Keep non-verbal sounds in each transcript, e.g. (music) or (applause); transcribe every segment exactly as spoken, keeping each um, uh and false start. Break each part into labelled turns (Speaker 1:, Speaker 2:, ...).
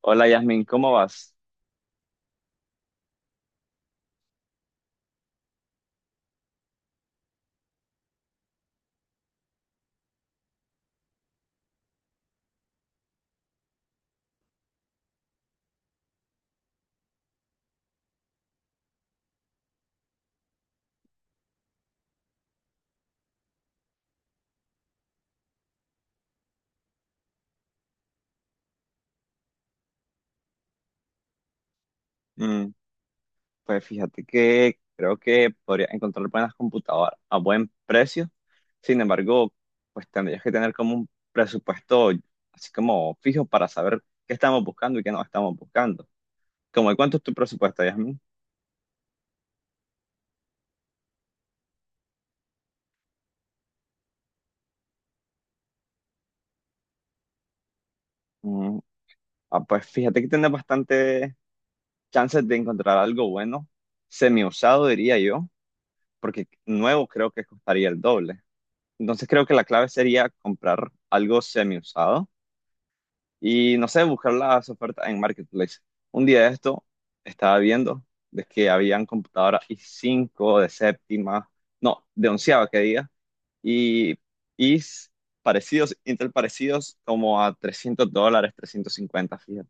Speaker 1: Hola Yasmin, ¿cómo vas? Mm, pues fíjate que creo que podrías encontrar buenas computadoras a buen precio. Sin embargo, pues tendrías que tener como un presupuesto así como fijo para saber qué estamos buscando y qué no estamos buscando. ¿Cómo de cuánto es tu presupuesto, Yasmin? Mm, ah, pues fíjate que tienes bastante chances de encontrar algo bueno, semi-usado diría yo, porque nuevo creo que costaría el doble. Entonces creo que la clave sería comprar algo semi-usado y no sé, buscar las ofertas en Marketplace. Un día de esto estaba viendo de que habían computadoras i cinco de séptima, no, de onceava que diga, y i parecidos, Intel parecidos como a trescientos dólares, trescientos cincuenta fíjate.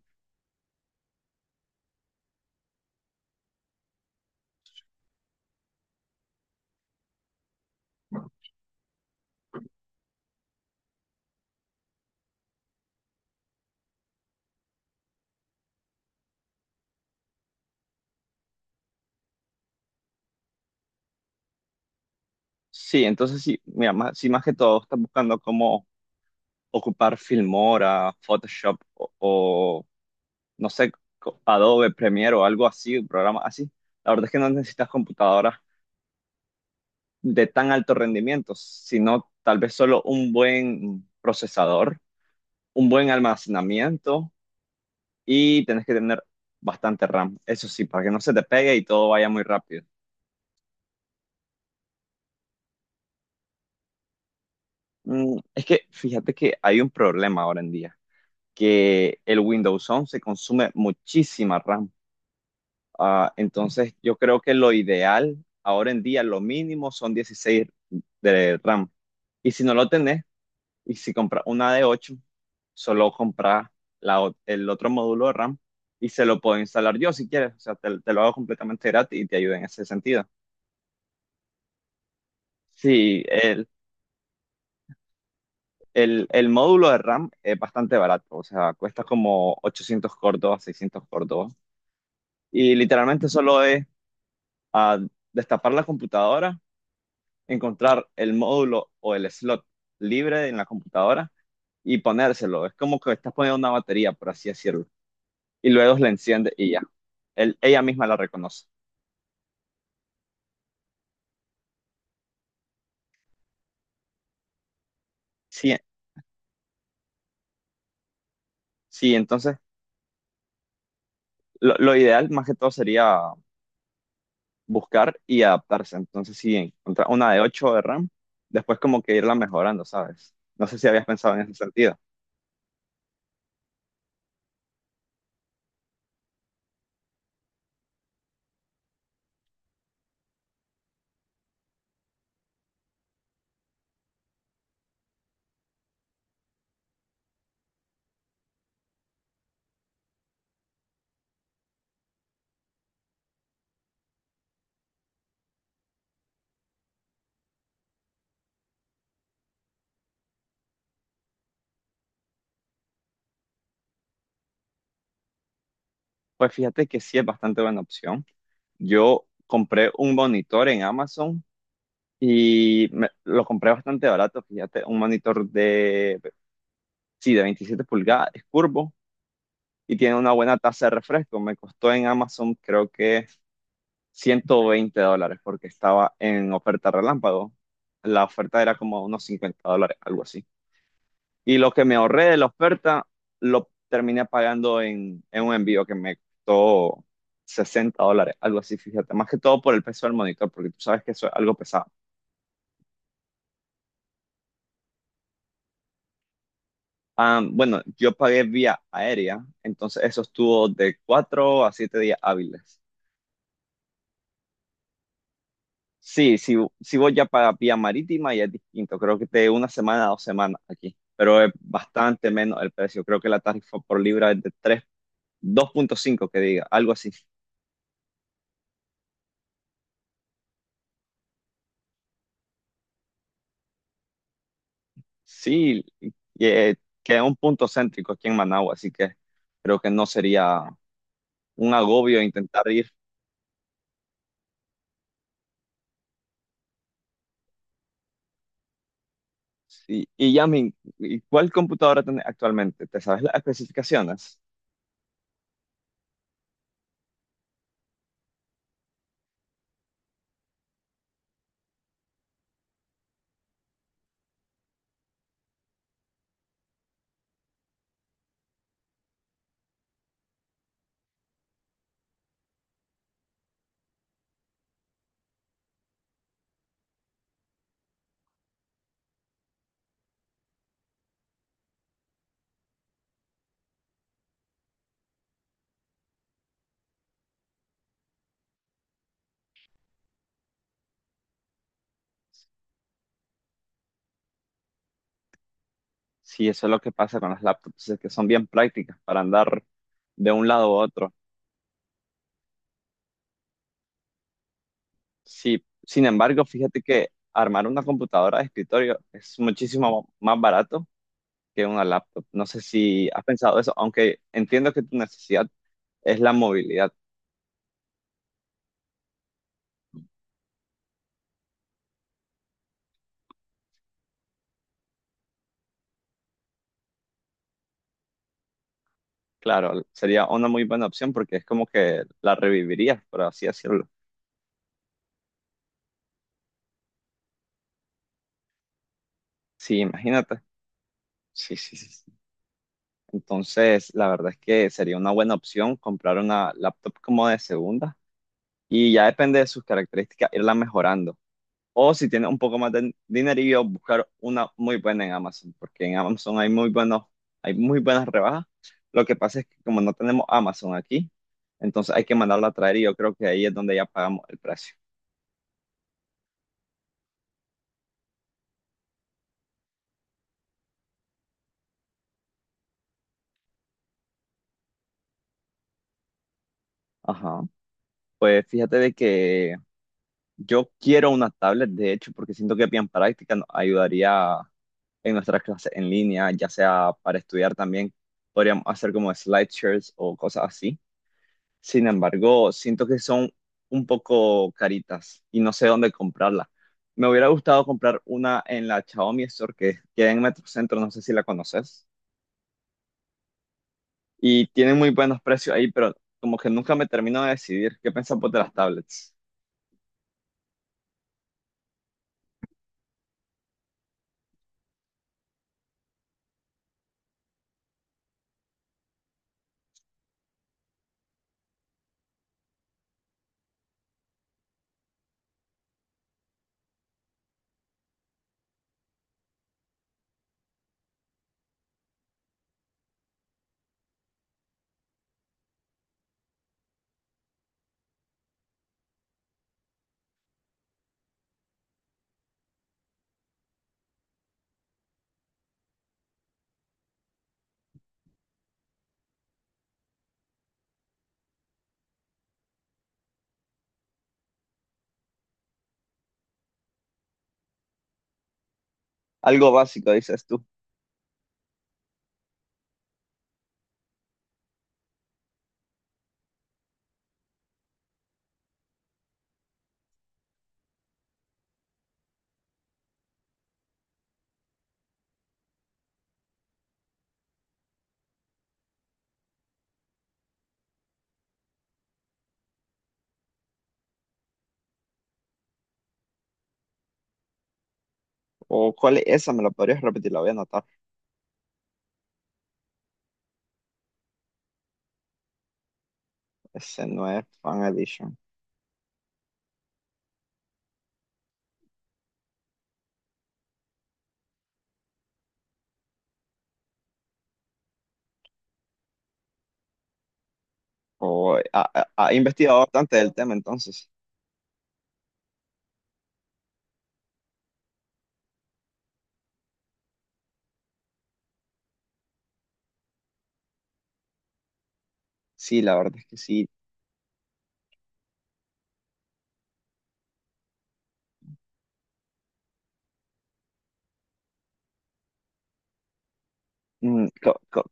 Speaker 1: Sí, entonces sí, mira, más, sí, más que todo estás buscando cómo ocupar Filmora, Photoshop o, o, no sé, co- Adobe Premiere o algo así, un programa así. La verdad es que no necesitas computadoras de tan alto rendimiento, sino tal vez solo un buen procesador, un buen almacenamiento y tenés que tener bastante RAM. Eso sí, para que no se te pegue y todo vaya muy rápido. Mm, es que fíjate que hay un problema ahora en día, que el Windows once consume muchísima RAM. Ah, entonces yo creo que lo ideal ahora en día, lo mínimo son dieciséis de RAM. Y si no lo tenés, y si compras una de ocho solo compras la o- el otro módulo de RAM y se lo puedo instalar yo si quieres. O sea, te, te lo hago completamente gratis y te ayuda en ese sentido. Sí, el, el, el módulo de RAM es bastante barato. O sea, cuesta como ochocientos córdobas, seiscientos córdobas. Y literalmente solo es ah, destapar la computadora, encontrar el módulo o el slot libre en la computadora y ponérselo. Es como que estás poniendo una batería, por así decirlo. Y luego la enciende y ya. Él- ella misma la reconoce. Sí, sí, entonces lo, lo ideal más que todo sería buscar y adaptarse. Entonces, si encontrar una de ocho de RAM, después como que irla mejorando, ¿sabes? No sé si habías pensado en ese sentido. Pues fíjate que sí es bastante buena opción. Yo compré un monitor en Amazon y me- lo compré bastante barato, fíjate, un monitor de, sí, de veintisiete pulgadas, es curvo y tiene una buena tasa de refresco. Me costó en Amazon creo que ciento veinte dólares porque estaba en oferta relámpago. La oferta era como unos cincuenta dólares, algo así. Y lo que me ahorré de la oferta lo terminé pagando en, en un envío que me costó sesenta dólares, algo así, fíjate. Más que todo por el peso del monitor, porque tú sabes que eso es algo pesado. Ah, bueno, yo pagué vía aérea, entonces eso estuvo de cuatro a siete días hábiles. Sí, si, si voy ya para vía marítima ya es distinto, creo que de una semana a dos semanas aquí, pero es bastante menos el precio, creo que la tarifa por libra es de tres, dos punto cinco que diga, algo así. Sí, y, eh, que es un punto céntrico aquí en Managua, así que creo que no sería un agobio intentar ir. Sí, y Yamin, ¿y cuál computadora tenés actualmente? ¿Te sabes las especificaciones? Sí, eso es lo que pasa con las laptops, es que son bien prácticas para andar de un lado a otro. Sí, sin embargo, fíjate que armar una computadora de escritorio es muchísimo más barato que una laptop. No sé si has pensado eso, aunque entiendo que tu necesidad es la movilidad. Claro, sería una muy buena opción porque es como que la revivirías, por así decirlo. Sí, imagínate. Sí, sí, sí, sí. Entonces, la verdad es que sería una buena opción comprar una laptop como de segunda y ya depende de sus características irla mejorando. O si tienes un poco más de dinerillo, buscar una muy buena en Amazon, porque en Amazon hay muy buenos, hay muy buenas rebajas. Lo que pasa es que como no tenemos Amazon aquí, entonces hay que mandarlo a traer y yo creo que ahí es donde ya pagamos el precio. Ajá. Pues fíjate de que yo quiero una tablet, de hecho, porque siento que es bien práctica, nos ayudaría en nuestras clases en línea, ya sea para estudiar también, podríamos hacer como slideshows o cosas así. Sin embargo, siento que son un poco caritas y no sé dónde comprarla. Me hubiera gustado comprar una en la Xiaomi Store que queda en Metrocentro, no sé si la conoces. Y tienen muy buenos precios ahí, pero como que nunca me termino de decidir. ¿Qué pensás vos de las tablets? Algo básico, dices tú. ¿O cuál es esa? ¿Me la podrías repetir? La voy a anotar. Ese no es Fan Edition. O ha, ha- ¿ha investigado bastante del tema, entonces? Sí, la verdad es que sí. Mm, co- co-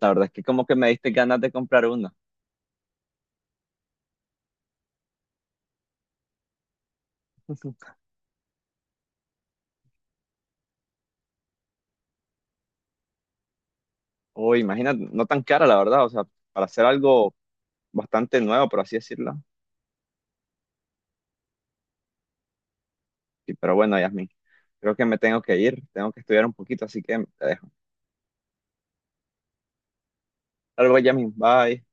Speaker 1: la verdad es que como que me diste ganas de comprar una. (laughs) O imagínate, no tan cara, la verdad, o sea, para hacer algo bastante nuevo, por así decirlo. Sí, pero bueno, Yasmin, creo que me tengo que ir, tengo que estudiar un poquito, así que te dejo. Hasta luego, Yasmin, bye.